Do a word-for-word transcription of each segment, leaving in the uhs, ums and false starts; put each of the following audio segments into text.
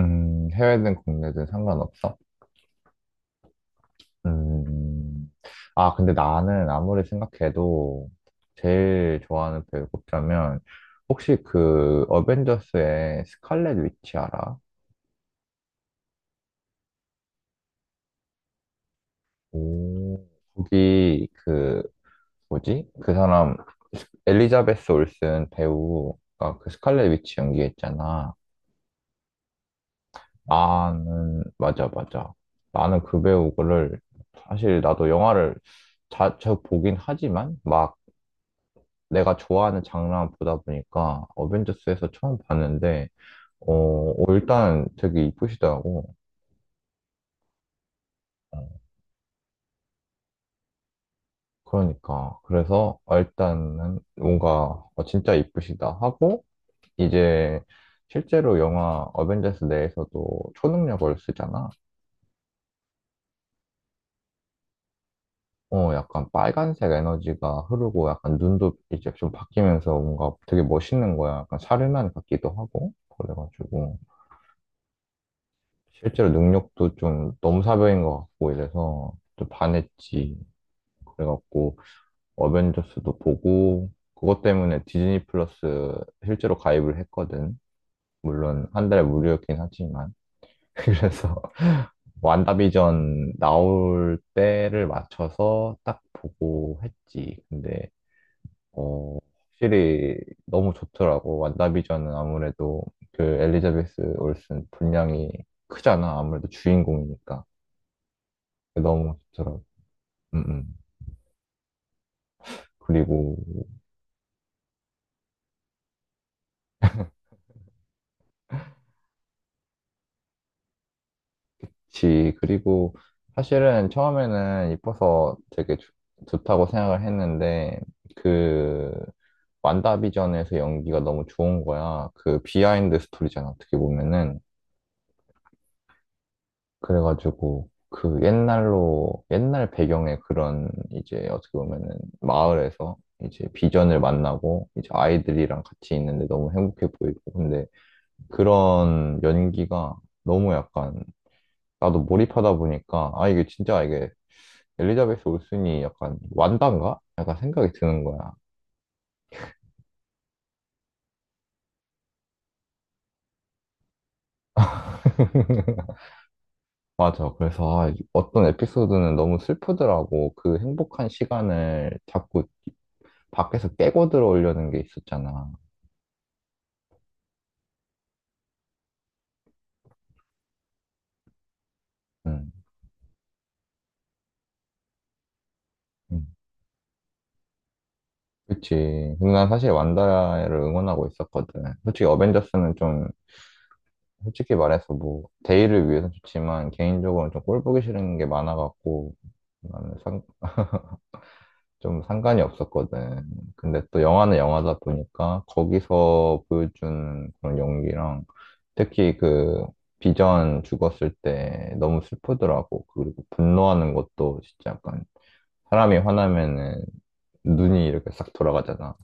음, 해외든 국내든 상관없어? 음, 아, 근데 나는 아무리 생각해도 제일 좋아하는 배우 꼽자면, 혹시 그 어벤져스의 스칼렛 위치 알아? 오, 거기 그, 뭐지? 그 사람, 스- 엘리자베스 올슨 배우가 그 스칼렛 위치 연기했잖아. 나는, 맞아, 맞아. 나는 그 배우를, 사실 나도 영화를 자, 주 보긴 하지만, 막, 내가 좋아하는 장르만 보다 보니까 어벤져스에서 처음 봤는데, 어, 어, 일단 되게 이쁘시더라고. 어, 그러니까. 그래서 어, 일단은 뭔가 어, 진짜 이쁘시다 하고, 이제 실제로 영화 어벤져스 내에서도 초능력을 쓰잖아. 어, 약간 빨간색 에너지가 흐르고 약간 눈도 이제 좀 바뀌면서 뭔가 되게 멋있는 거야. 약간 사르난 같기도 하고. 그래가지고. 실제로 능력도 좀 너무 사벽인 것 같고 이래서 좀 반했지. 그래갖고 어벤져스도 보고 그것 때문에 디즈니 플러스 실제로 가입을 했거든. 물론 한 달에 무료였긴 하지만 그래서 완다비전 나올 때를 맞춰서 딱 보고 했지. 근데 어 확실히 너무 좋더라고. 완다비전은 아무래도 그 엘리자베스 올슨 분량이 크잖아. 아무래도 주인공이니까. 너무 좋더라고. 음, 음. 그리고, 지, 그리고, 사실은 처음에는 이뻐서 되게 좋- 좋다고 생각을 했는데, 그, 완다비전에서 연기가 너무 좋은 거야. 그 비하인드 스토리잖아, 어떻게 보면은. 그래가지고, 그 옛날로, 옛날 배경의 그런, 이제 어떻게 보면은, 마을에서 이제 비전을 만나고, 이제 아이들이랑 같이 있는데 너무 행복해 보이고, 근데 그런 연기가 너무 약간 나도 몰입하다 보니까, 아, 이게 진짜 이게 엘리자베스 올슨이 약간 완단가? 약간 생각이 드는 거야. 맞아. 그래서 아, 어떤 에피소드는 너무 슬프더라고. 그 행복한 시간을 자꾸 밖에서 깨고 들어오려는 게 있었잖아. 응. 응. 그치. 근데 난 사실 완다를 응원하고 있었거든. 솔직히 어벤져스는 좀, 솔직히 말해서 뭐, 대의를 위해서 좋지만, 개인적으로는 좀 꼴보기 싫은 게 많아갖고, 나는 좀 상관이 없었거든. 근데 또 영화는 영화다 보니까 거기서 보여준 그런 연기랑 특히 그 비전 죽었을 때 너무 슬프더라고. 그리고 분노하는 것도 진짜 약간 사람이 화나면은 눈이 이렇게 싹 돌아가잖아.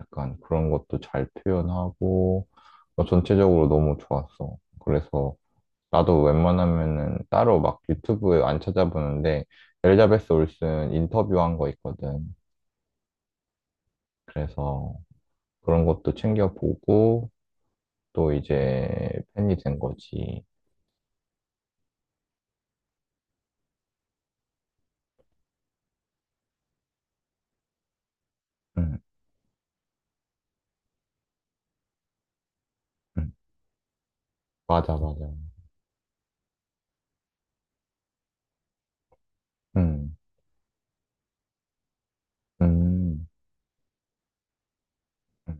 약간 그런 것도 잘 표현하고 어, 전체적으로 너무 좋았어. 그래서 나도 웬만하면은 따로 막 유튜브에 안 찾아보는데 엘자베스 올슨 인터뷰한 거 있거든. 그래서 그런 것도 챙겨보고 또 이제 팬이 된 거지. 응, 응. 맞아, 맞아. 응, 응, 응,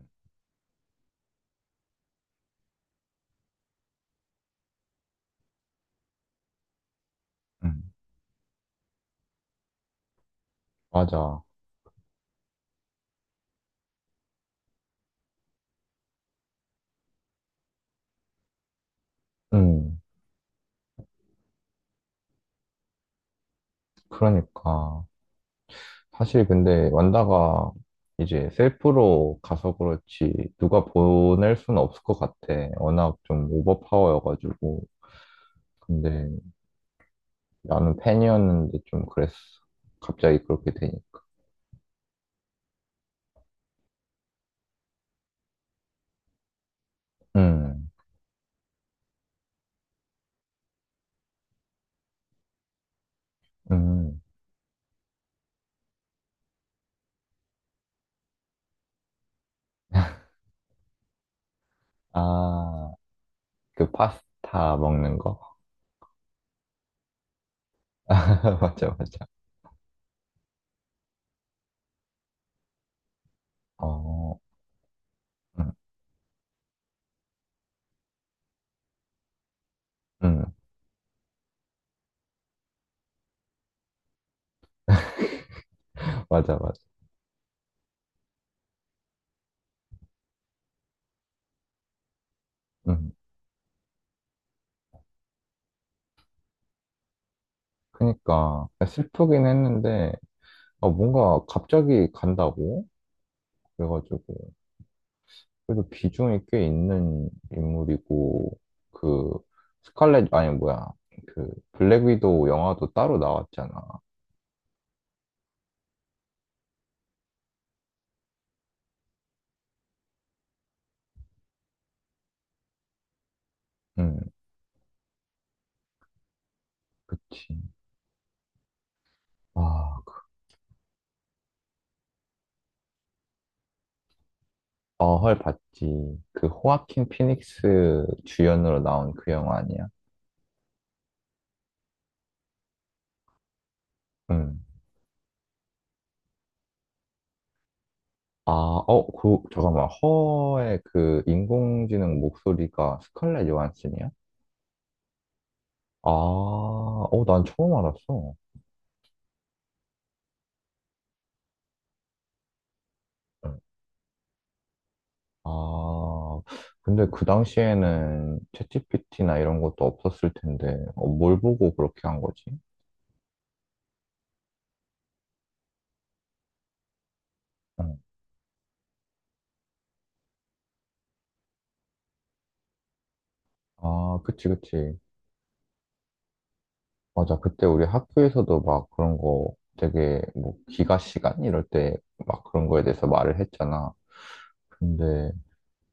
응. 맞아. 응, 그러니까. 사실 근데 완다가 이제 셀프로 가서 그렇지 누가 보낼 수는 없을 것 같아. 워낙 좀 오버파워여가지고. 근데 나는 팬이었는데 좀 그랬어. 갑자기 그렇게 되니까. 응, 응. 아, 그 파스타 먹는 거? 맞아, 맞아. 어, 응, 응, 맞아, 맞아. 응. 그니까, 슬프긴 했는데, 어, 뭔가 갑자기 간다고? 그래가지고, 그래도 비중이 꽤 있는 인물이고, 그, 스칼렛, 아니, 뭐야, 그, 블랙 위도우 영화도 따로 나왔잖아. 응, 그치. 아, 그 어헐 봤지. 그 호아킨 피닉스 주연으로 나온 그 영화 아니야? 응. 아, 어, 그, 잠깐만. 허의 그 인공지능 목소리가 스칼렛 요한슨이야? 아, 어, 난 처음 알았어. 응. 아, 근데 그 당시에는 챗지피티나 이런 것도 없었을 텐데, 어, 뭘 보고 그렇게 한 거지? 응. 아, 그치, 그치. 맞아. 그때 우리 학교에서도 막 그런 거 되게 뭐 기가 시간 이럴 때 막 그런 거에 대해서 말을 했잖아. 근데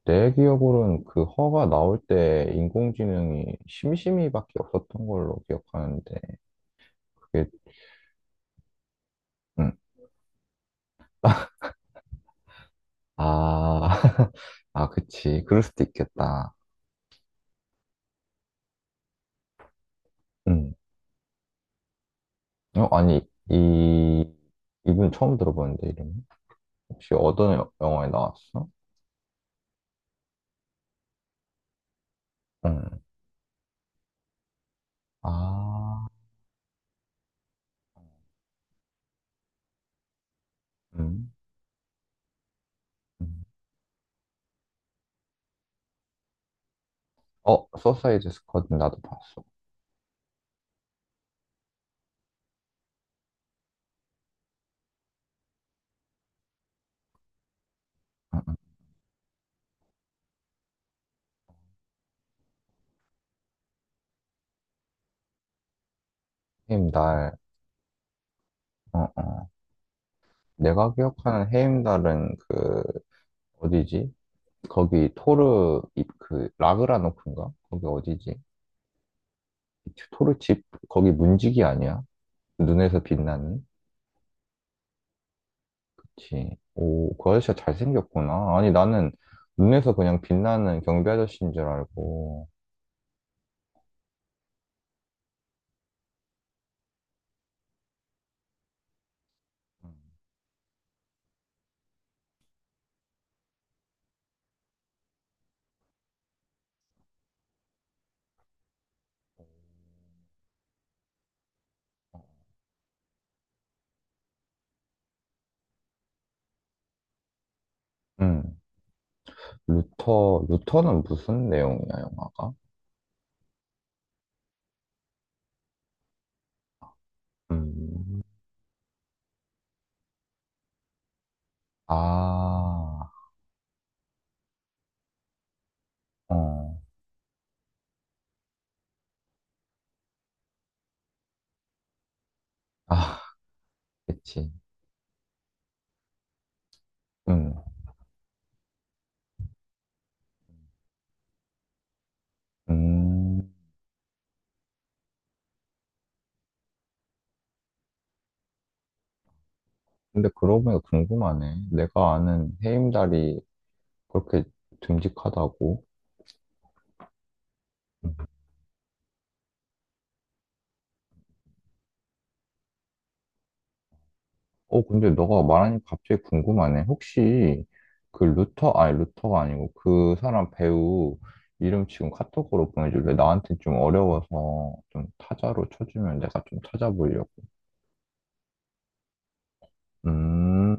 내 기억으로는 그 허가 나올 때 인공지능이 심심이밖에 없었던 걸로 기억하는데 그게 음. 아, 아, 그치. 그럴 수도 있겠다. 음. 어, 아니, 이, 이분 처음 들어보는데, 이름. 혹시 어떤 여- 영화에 나왔어? 응. 아, 음. 음. 어, 소사이드 스쿼드 나도 봤어. 응, 응. 헤임달. 어, 어. 내가 기억하는 헤임달은 그, 어디지? 거기 토르 입 그 라그라노크인가? 거기 어디지? 토르 집 거기 문지기 아니야? 눈에서 빛나는? 그치. 오, 그 아저씨가 잘생겼구나. 아니 나는 눈에서 그냥 빛나는 경비 아저씨인 줄 알고. 음. 루터 루터는 무슨 내용이야, 영화가? 음. 아, 어. 아, 그치. 음. 음. 근데 그러고 보니까 궁금하네. 내가 아는 헤임달이 그렇게 듬직하다고? 어, 근데 너가 말하니 갑자기 궁금하네. 혹시 그 루터, 아니 루터가 아니고 그 사람 배우 이름 지금 카톡으로 보내줄래? 나한테 좀 어려워서 좀 타자로 쳐주면 내가 좀 찾아보려고. 음,